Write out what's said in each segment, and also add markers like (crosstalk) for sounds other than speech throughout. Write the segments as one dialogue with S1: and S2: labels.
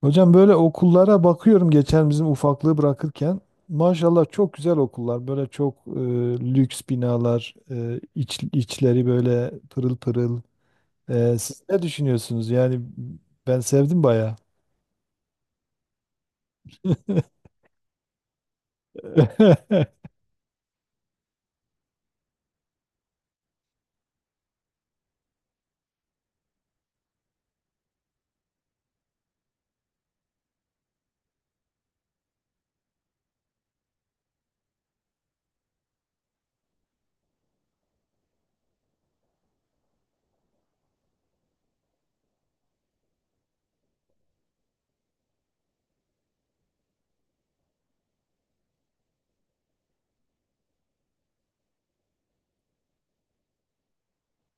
S1: Hocam böyle okullara bakıyorum geçen bizim ufaklığı bırakırken. Maşallah çok güzel okullar. Böyle çok lüks binalar, içleri böyle pırıl pırıl. Siz ne düşünüyorsunuz? Yani ben sevdim baya. (laughs)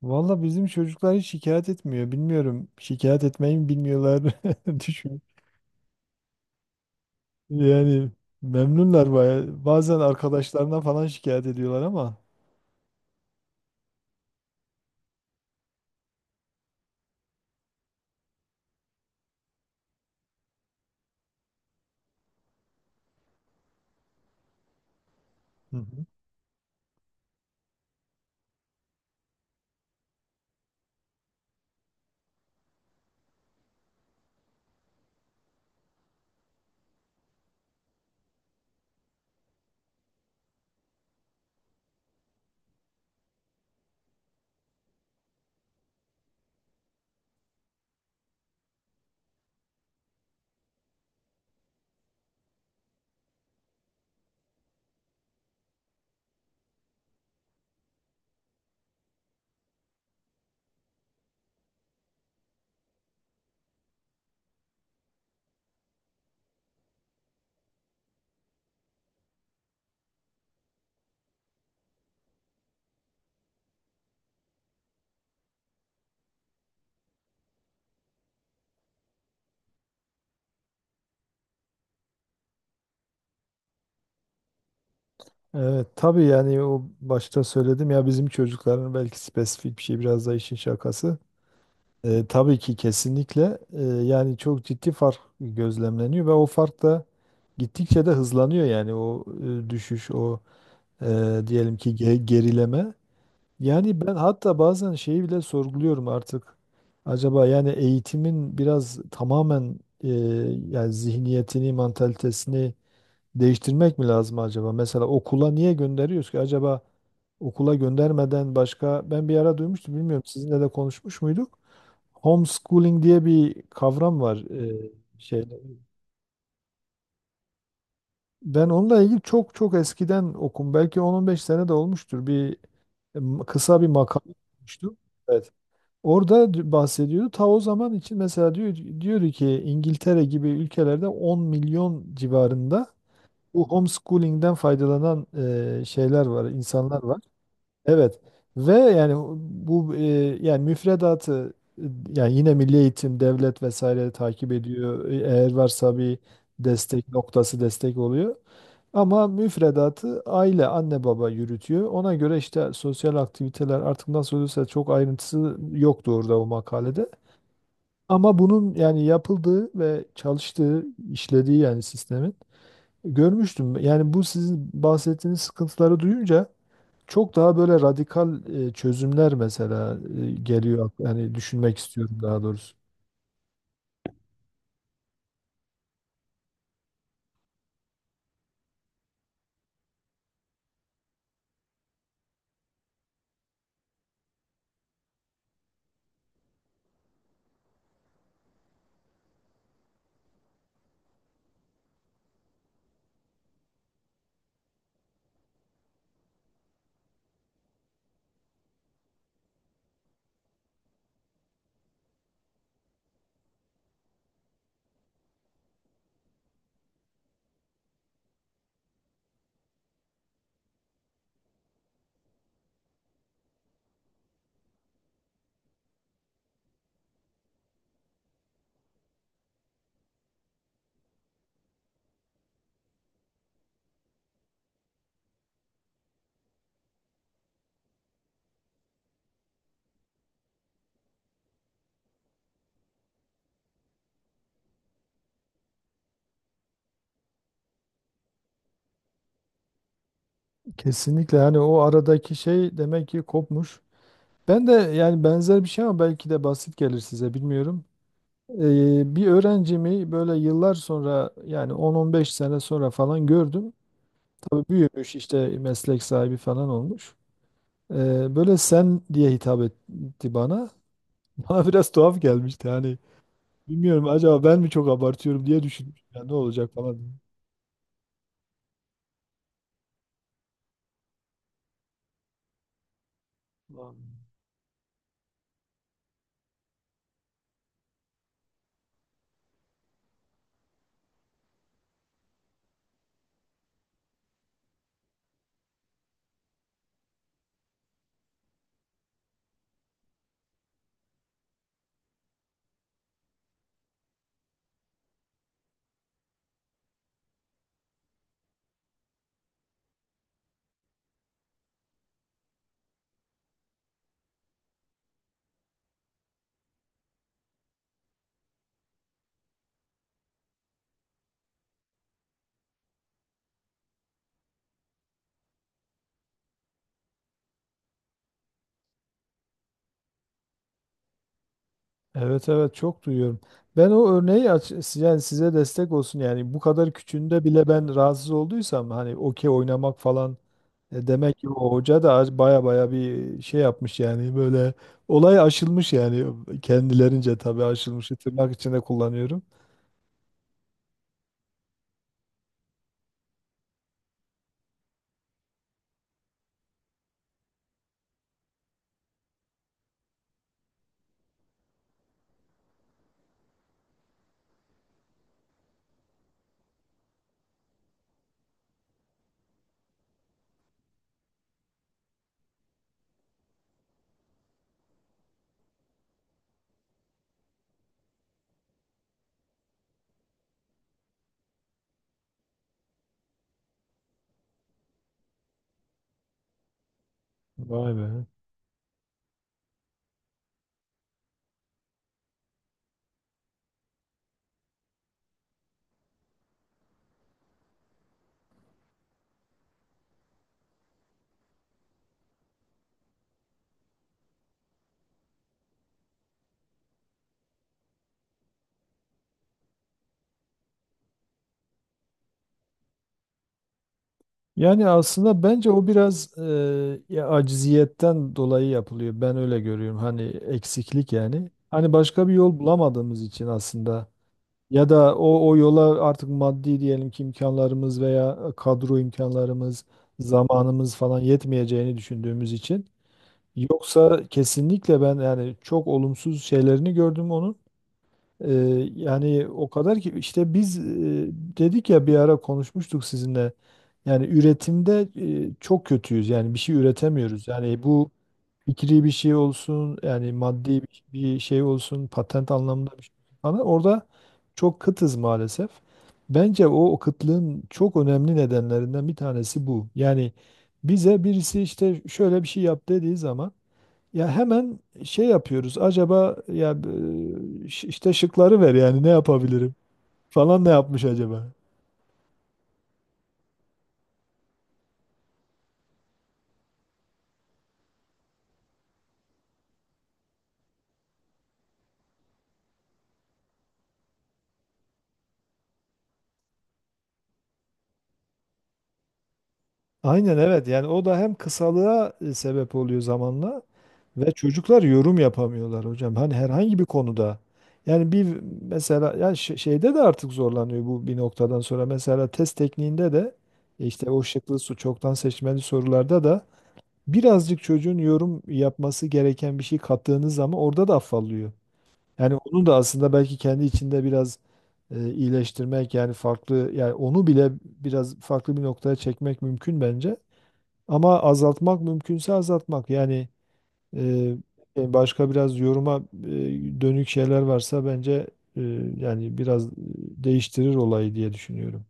S1: Valla bizim çocuklar hiç şikayet etmiyor. Bilmiyorum şikayet etmeyi mi bilmiyorlar. (laughs) Düşün. Yani memnunlar baya. Bazen arkadaşlarına falan şikayet ediyorlar ama. Hı hı. Evet, tabii yani o başta söyledim ya bizim çocukların belki spesifik bir şey biraz da işin şakası. Tabii ki kesinlikle yani çok ciddi fark gözlemleniyor ve o fark da gittikçe de hızlanıyor yani o düşüş o diyelim ki gerileme. Yani ben hatta bazen şeyi bile sorguluyorum artık. Acaba yani eğitimin biraz tamamen e, yani zihniyetini, mantalitesini değiştirmek mi lazım acaba? Mesela okula niye gönderiyoruz ki? Acaba okula göndermeden başka ben bir ara duymuştum bilmiyorum sizinle de konuşmuş muyduk? Homeschooling diye bir kavram var. Şey, Ben onunla ilgili çok çok eskiden okum. Belki 10-15 sene de olmuştur. Bir kısa bir makale okumuştum. Evet. Orada bahsediyordu. Ta o zaman için mesela diyor ki İngiltere gibi ülkelerde 10 milyon civarında bu homeschooling'den faydalanan şeyler var, insanlar var. Evet. Ve yani bu yani müfredatı yani yine Milli Eğitim, devlet vesaire takip ediyor. Eğer varsa bir destek noktası destek oluyor. Ama müfredatı aile, anne baba yürütüyor. Ona göre işte sosyal aktiviteler artık nasıl oluyorsa çok ayrıntısı yoktu orada o makalede. Ama bunun yani yapıldığı ve çalıştığı, işlediği yani sistemin görmüştüm. Yani bu sizin bahsettiğiniz sıkıntıları duyunca çok daha böyle radikal çözümler mesela geliyor. Yani düşünmek istiyorum daha doğrusu. Kesinlikle hani o aradaki şey demek ki kopmuş. Ben de yani benzer bir şey ama belki de basit gelir size bilmiyorum. Bir öğrencimi böyle yıllar sonra yani 10-15 sene sonra falan gördüm. Tabii büyümüş işte meslek sahibi falan olmuş. Böyle sen diye hitap etti bana. (laughs) Bana biraz tuhaf gelmişti hani. Bilmiyorum acaba ben mi çok abartıyorum diye düşünmüştüm. Ya ne olacak falan, dedim. Lan. Evet, evet, çok duyuyorum. Ben o örneği yani size destek olsun yani bu kadar küçüğünde bile ben rahatsız olduysam hani okey oynamak falan demek ki o hoca da baya baya bir şey yapmış yani böyle olay aşılmış yani kendilerince tabii aşılmışı tırnak içinde kullanıyorum. Vay be. Yani aslında bence o biraz ya aciziyetten dolayı yapılıyor. Ben öyle görüyorum. Hani eksiklik yani. Hani başka bir yol bulamadığımız için aslında ya da o yola artık maddi diyelim ki imkanlarımız veya kadro imkanlarımız, zamanımız falan yetmeyeceğini düşündüğümüz için. Yoksa kesinlikle ben yani çok olumsuz şeylerini gördüm onun. Ee, Yani o kadar ki işte biz dedik ya bir ara konuşmuştuk sizinle. Yani üretimde çok kötüyüz. Yani bir şey üretemiyoruz. Yani bu fikri bir şey olsun, yani maddi bir şey olsun, patent anlamında bir şey falan. Orada çok kıtız maalesef. Bence o kıtlığın çok önemli nedenlerinden bir tanesi bu. Yani bize birisi işte şöyle bir şey yap dediği zaman ya hemen şey yapıyoruz. Acaba ya işte şıkları ver yani ne yapabilirim falan ne yapmış acaba? Aynen evet yani o da hem kısalığa sebep oluyor zamanla ve çocuklar yorum yapamıyorlar hocam. Hani herhangi bir konuda yani bir mesela ya şeyde de artık zorlanıyor bu bir noktadan sonra. Mesela test tekniğinde de işte o şıklı su çoktan seçmeli sorularda da birazcık çocuğun yorum yapması gereken bir şey kattığınız zaman orada da affallıyor. Yani onu da aslında belki kendi içinde biraz iyileştirmek yani farklı yani onu bile biraz farklı bir noktaya çekmek mümkün bence. Ama azaltmak mümkünse azaltmak yani e, başka biraz yoruma e, dönük şeyler varsa bence e, yani biraz değiştirir olayı diye düşünüyorum.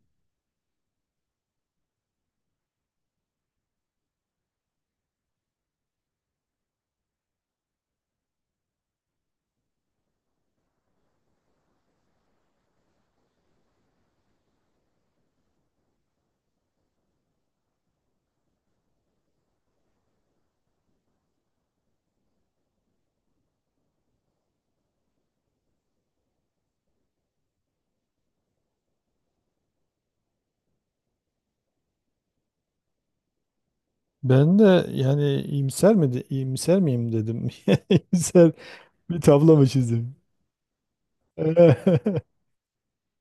S1: Ben de yani iyimser miyim dedim. (laughs) İyimser bir tablo mu çizdim? (laughs)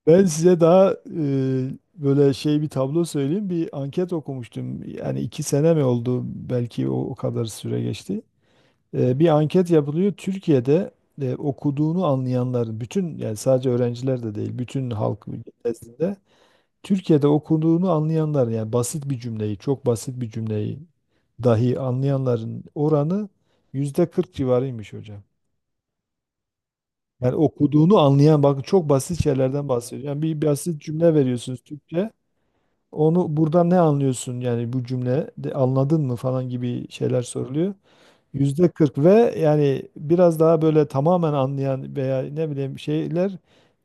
S1: Ben size daha böyle şey bir tablo söyleyeyim. Bir anket okumuştum. Yani 2 sene mi oldu? Belki o kadar süre geçti. Bir anket yapılıyor. Türkiye'de okuduğunu anlayanların, bütün yani sadece öğrenciler de değil, bütün halk nezdinde Türkiye'de okuduğunu anlayanların yani basit bir cümleyi, çok basit bir cümleyi dahi anlayanların oranı yüzde 40 civarıymış hocam. Yani okuduğunu anlayan, bakın çok basit şeylerden bahsediyor. Yani bir basit cümle veriyorsunuz Türkçe. Onu buradan ne anlıyorsun yani bu cümle de anladın mı falan gibi şeyler soruluyor. Yüzde 40 ve yani biraz daha böyle tamamen anlayan veya ne bileyim şeyler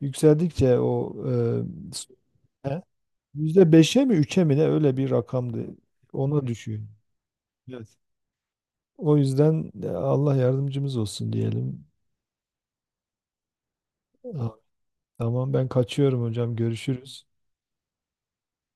S1: yükseldikçe o e, yüzde 5'e mi 3'e mi ne öyle bir rakamdı. Ona düşüyor. Evet. O yüzden Allah yardımcımız olsun diyelim. Ha, tamam ben kaçıyorum hocam görüşürüz.